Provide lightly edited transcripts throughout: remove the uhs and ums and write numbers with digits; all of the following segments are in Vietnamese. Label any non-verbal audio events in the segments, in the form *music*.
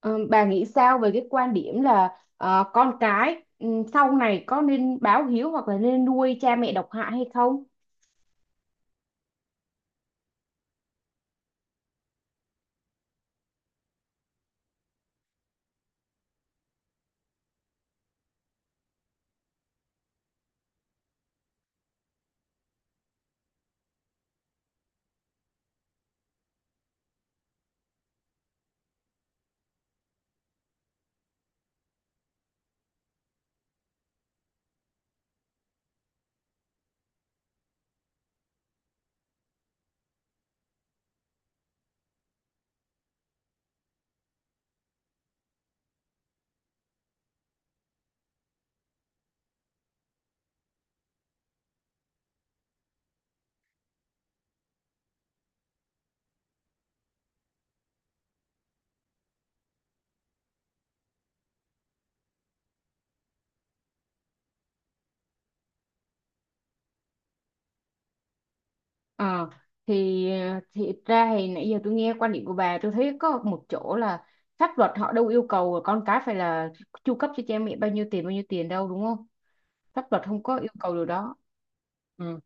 Ờ, bà nghĩ sao về cái quan điểm là con cái sau này có nên báo hiếu hoặc là nên nuôi cha mẹ độc hại hay không? Ờ, thì thì ra thì nãy giờ tôi nghe quan điểm của bà, tôi thấy có một chỗ là pháp luật họ đâu yêu cầu là con cái phải là chu cấp cho cha mẹ bao nhiêu tiền, bao nhiêu tiền đâu, đúng không? Pháp luật không có yêu cầu điều đó. Ừ.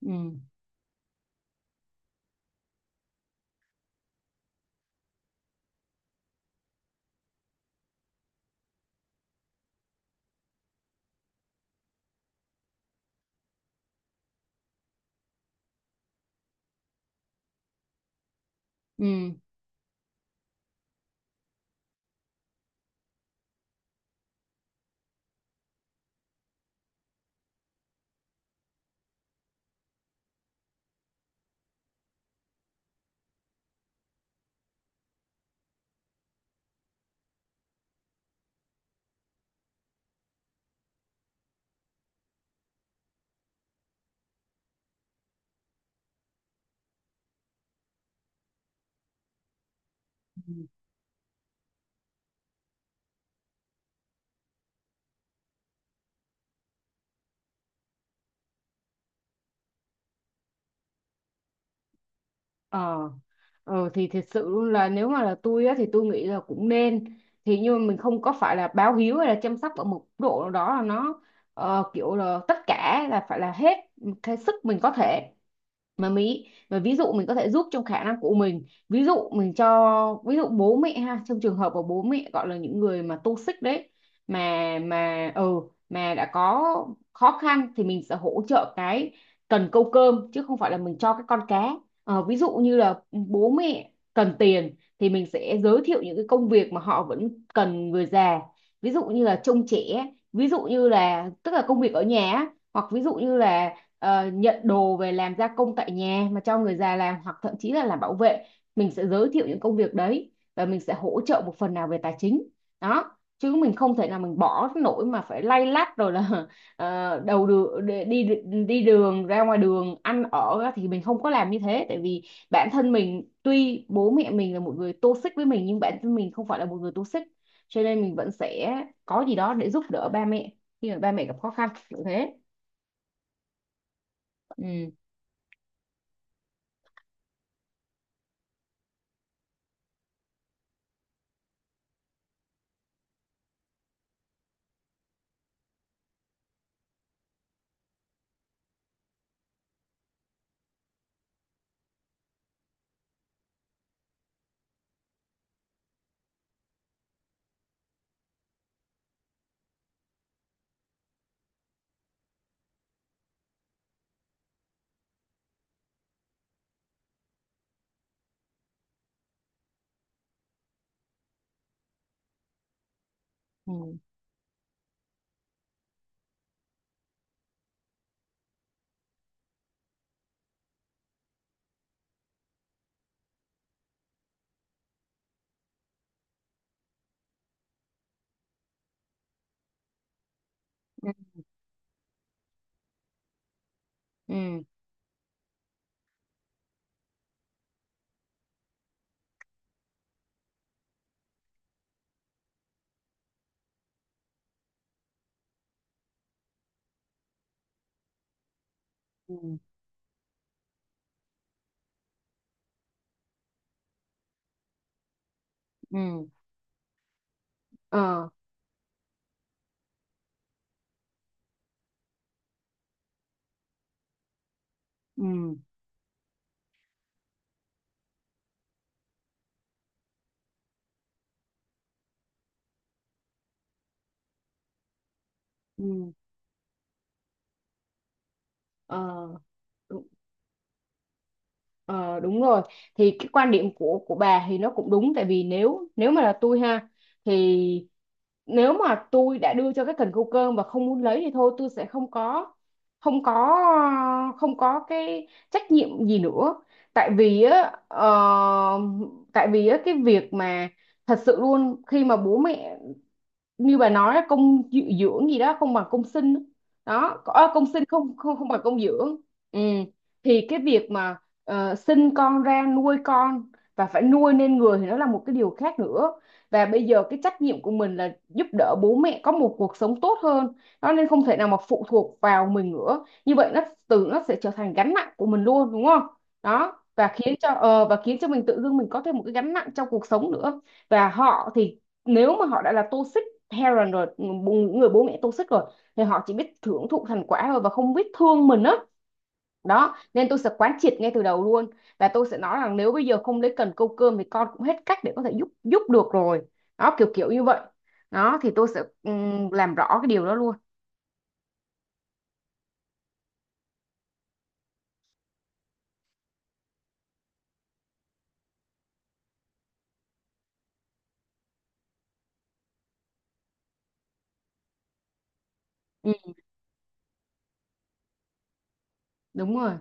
Ừ. Ừ. Ờ, thì thật sự là nếu mà là tôi á thì tôi nghĩ là cũng nên, thì nhưng mà mình không có phải là báo hiếu hay là chăm sóc ở một mức độ nào đó là nó, kiểu là tất cả là phải là hết hết sức mình có thể, mà ví dụ mình có thể giúp trong khả năng của mình, ví dụ mình cho, ví dụ bố mẹ ha, trong trường hợp mà bố mẹ gọi là những người mà toxic đấy, mà mà ừ mà đã có khó khăn thì mình sẽ hỗ trợ cái cần câu cơm chứ không phải là mình cho cái con cá. Ví dụ như là bố mẹ cần tiền thì mình sẽ giới thiệu những cái công việc mà họ vẫn cần người già, ví dụ như là trông trẻ, ví dụ như là tức là công việc ở nhà á, hoặc ví dụ như là nhận đồ về làm gia công tại nhà mà cho người già làm, hoặc thậm chí là làm bảo vệ. Mình sẽ giới thiệu những công việc đấy và mình sẽ hỗ trợ một phần nào về tài chính đó, chứ mình không thể nào mình bỏ nổi mà phải lay lắt rồi là *laughs* đầu đường đi đi đi đường, ra ngoài đường ăn ở á, thì mình không có làm như thế tại vì bản thân mình tuy bố mẹ mình là một người toxic với mình nhưng bản thân mình không phải là một người toxic, cho nên mình vẫn sẽ có gì đó để giúp đỡ ba mẹ khi mà ba mẹ gặp khó khăn kiểu thế. Ừ, ừ. Ừ. Ừ, ừ, ừ, ờ, ừ, ừ. ờ Đúng, ờ, đúng rồi. Thì cái quan điểm của bà thì nó cũng đúng, tại vì nếu nếu mà là tôi ha, thì nếu mà tôi đã đưa cho cái cần câu cơm và không muốn lấy thì thôi, tôi sẽ không có không có cái trách nhiệm gì nữa. tại vì á ờ, tại vì á cái việc mà thật sự luôn khi mà bố mẹ, như bà nói á, công dưỡng gì đó không bằng công sinh á. Đó à, công sinh không không không bằng công dưỡng. Ừ. Thì cái việc mà sinh con ra nuôi con và phải nuôi nên người thì nó là một cái điều khác nữa, và bây giờ cái trách nhiệm của mình là giúp đỡ bố mẹ có một cuộc sống tốt hơn, nó nên không thể nào mà phụ thuộc vào mình nữa, như vậy nó từ nó sẽ trở thành gánh nặng của mình luôn, đúng không? Đó, và khiến cho mình tự dưng mình có thêm một cái gánh nặng trong cuộc sống nữa. Và họ thì, nếu mà họ đã là toxic parent rồi, người bố mẹ toxic rồi, thì họ chỉ biết hưởng thụ thành quả thôi và không biết thương mình á đó. Đó nên tôi sẽ quán triệt ngay từ đầu luôn, và tôi sẽ nói rằng nếu bây giờ không lấy cần câu cơm thì con cũng hết cách để có thể giúp giúp được rồi, đó, kiểu kiểu như vậy đó. Thì tôi sẽ làm rõ cái điều đó luôn. Ừ, đúng rồi,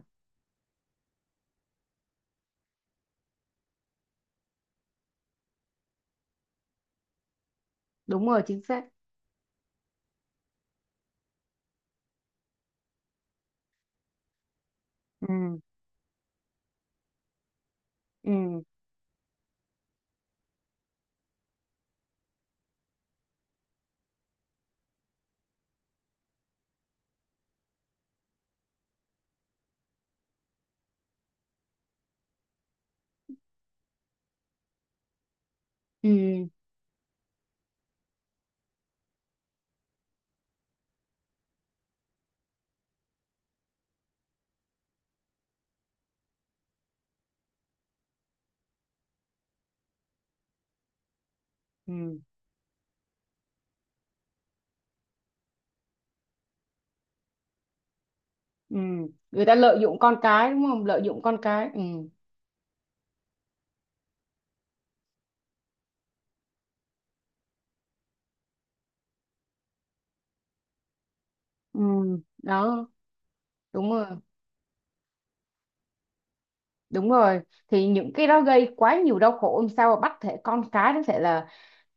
đúng rồi, chính xác. Ừ, ừ, ừ, ừ, ừ. Người ta lợi dụng con cái đúng không, lợi dụng con cái. Ừ, ừ, đó, đúng rồi, đúng rồi. Thì những cái đó gây quá nhiều đau khổ, làm sao mà bắt thể con cái nó thể là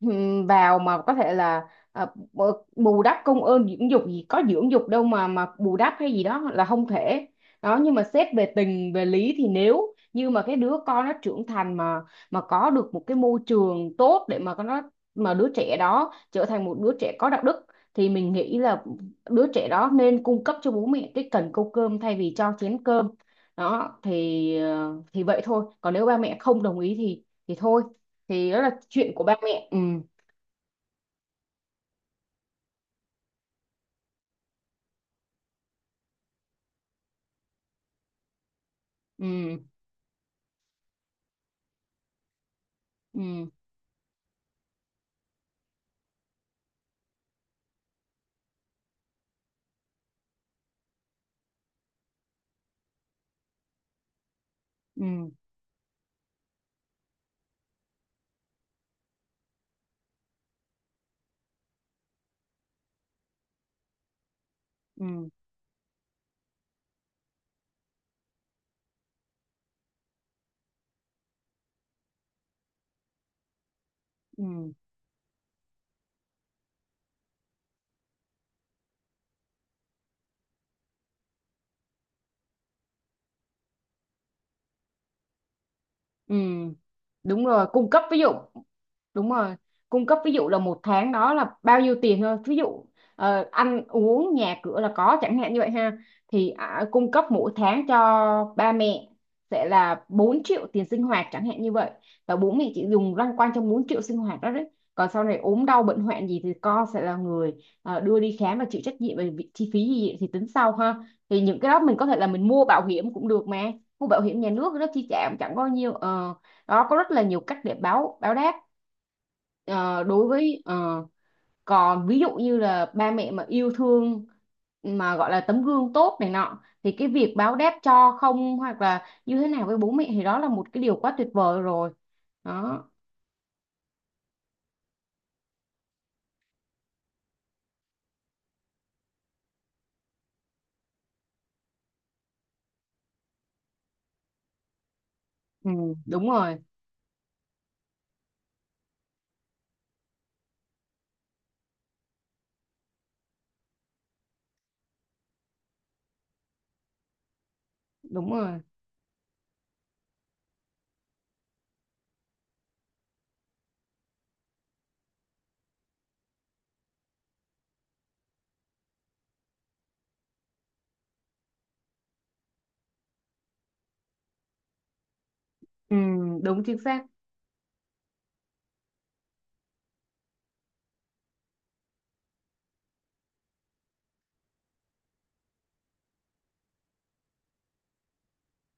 vào mà có thể là à, bù bù đắp công ơn dưỡng dục gì, có dưỡng dục đâu mà bù đắp hay gì đó, là không thể. Đó, nhưng mà xét về tình về lý thì nếu như mà cái đứa con nó trưởng thành, mà có được một cái môi trường tốt để mà con nó mà đứa trẻ đó trở thành một đứa trẻ có đạo đức, thì mình nghĩ là đứa trẻ đó nên cung cấp cho bố mẹ cái cần câu cơm thay vì cho chén cơm. Đó thì thì vậy thôi, còn nếu ba mẹ không đồng ý thì thôi, thì đó là chuyện của ba mẹ. Ừ, ừ, ừ, ừ, ừ, ừ, ừ. Đúng rồi, cung cấp ví dụ. Đúng rồi, cung cấp ví dụ là một tháng đó là bao nhiêu tiền thôi, ví dụ ăn uống nhà cửa là có chẳng hạn như vậy ha. Thì à, cung cấp mỗi tháng cho ba mẹ sẽ là 4 triệu tiền sinh hoạt chẳng hạn như vậy, và bố mẹ chỉ dùng loanh quanh trong 4 triệu sinh hoạt đó đấy. Còn sau này ốm đau bệnh hoạn gì thì con sẽ là người đưa đi khám và chịu trách nhiệm về chi phí gì thì tính sau ha. Thì những cái đó mình có thể là mình mua bảo hiểm cũng được mà, mua bảo hiểm nhà nước nó chi trả cũng chẳng có nhiều. Ờ, đó có rất là nhiều cách để báo báo đáp. Ờ, đối với ờ, còn ví dụ như là ba mẹ mà yêu thương, mà gọi là tấm gương tốt này nọ, thì cái việc báo đáp cho không hoặc là như thế nào với bố mẹ thì đó là một cái điều quá tuyệt vời rồi đó. Ừ, đúng rồi, đúng rồi. Ừ, đúng chính xác.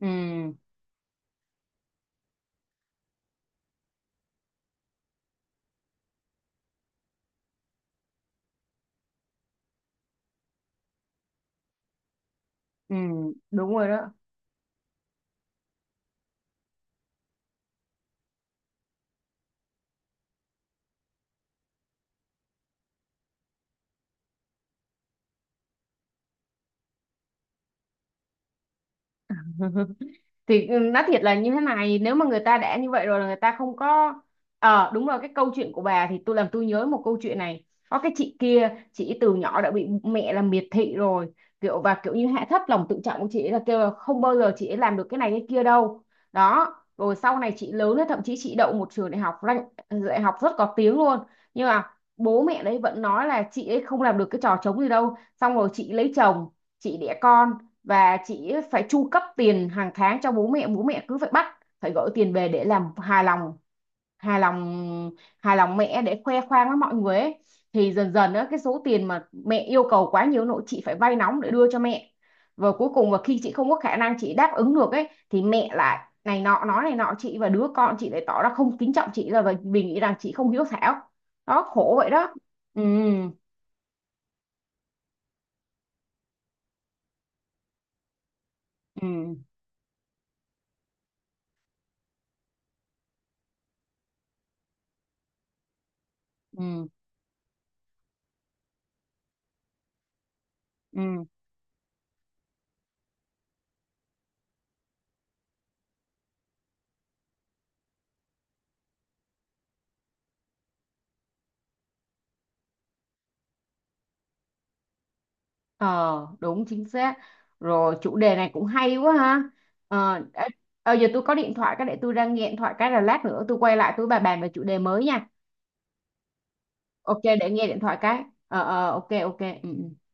Ừ, ừ, đúng rồi đó. *laughs* Thì ừ, nói thiệt là như thế này, nếu mà người ta đã như vậy rồi là người ta không có. Ờ, đúng rồi, cái câu chuyện của bà thì tôi nhớ một câu chuyện này. Có cái chị kia, chị từ nhỏ đã bị mẹ làm miệt thị rồi, kiểu và kiểu như hạ thấp lòng tự trọng của chị ấy, là kêu là không bao giờ chị ấy làm được cái này cái kia đâu. Đó, rồi sau này chị lớn lên, thậm chí chị đậu một trường đại học đại học rất có tiếng luôn. Nhưng mà bố mẹ đấy vẫn nói là chị ấy không làm được cái trò trống gì đâu. Xong rồi chị lấy chồng, chị đẻ con, và chị phải chu cấp tiền hàng tháng cho bố mẹ. Bố mẹ cứ phải bắt phải gửi tiền về để làm hài lòng hài lòng mẹ để khoe khoang với mọi người ấy. Thì dần dần á, cái số tiền mà mẹ yêu cầu quá nhiều, nội chị phải vay nóng để đưa cho mẹ. Và cuối cùng, và khi chị không có khả năng chị đáp ứng được ấy thì mẹ lại này nọ nói này nọ, chị và đứa con chị lại tỏ ra không kính trọng chị, là vì vì nghĩ rằng chị không hiếu thảo. Đó, khổ vậy đó. Ừ, ừ, ừ, ừ. Ờ, đúng chính xác. Rồi, chủ đề này cũng hay quá ha. Ờ ê, giờ tôi có điện thoại cái để tôi ra nghe điện thoại cái, là lát nữa tôi quay lại tôi bà bàn về chủ đề mới nha. Ok, để nghe điện thoại cái. Ờ, ờ, ok, ok, ừ, ừ.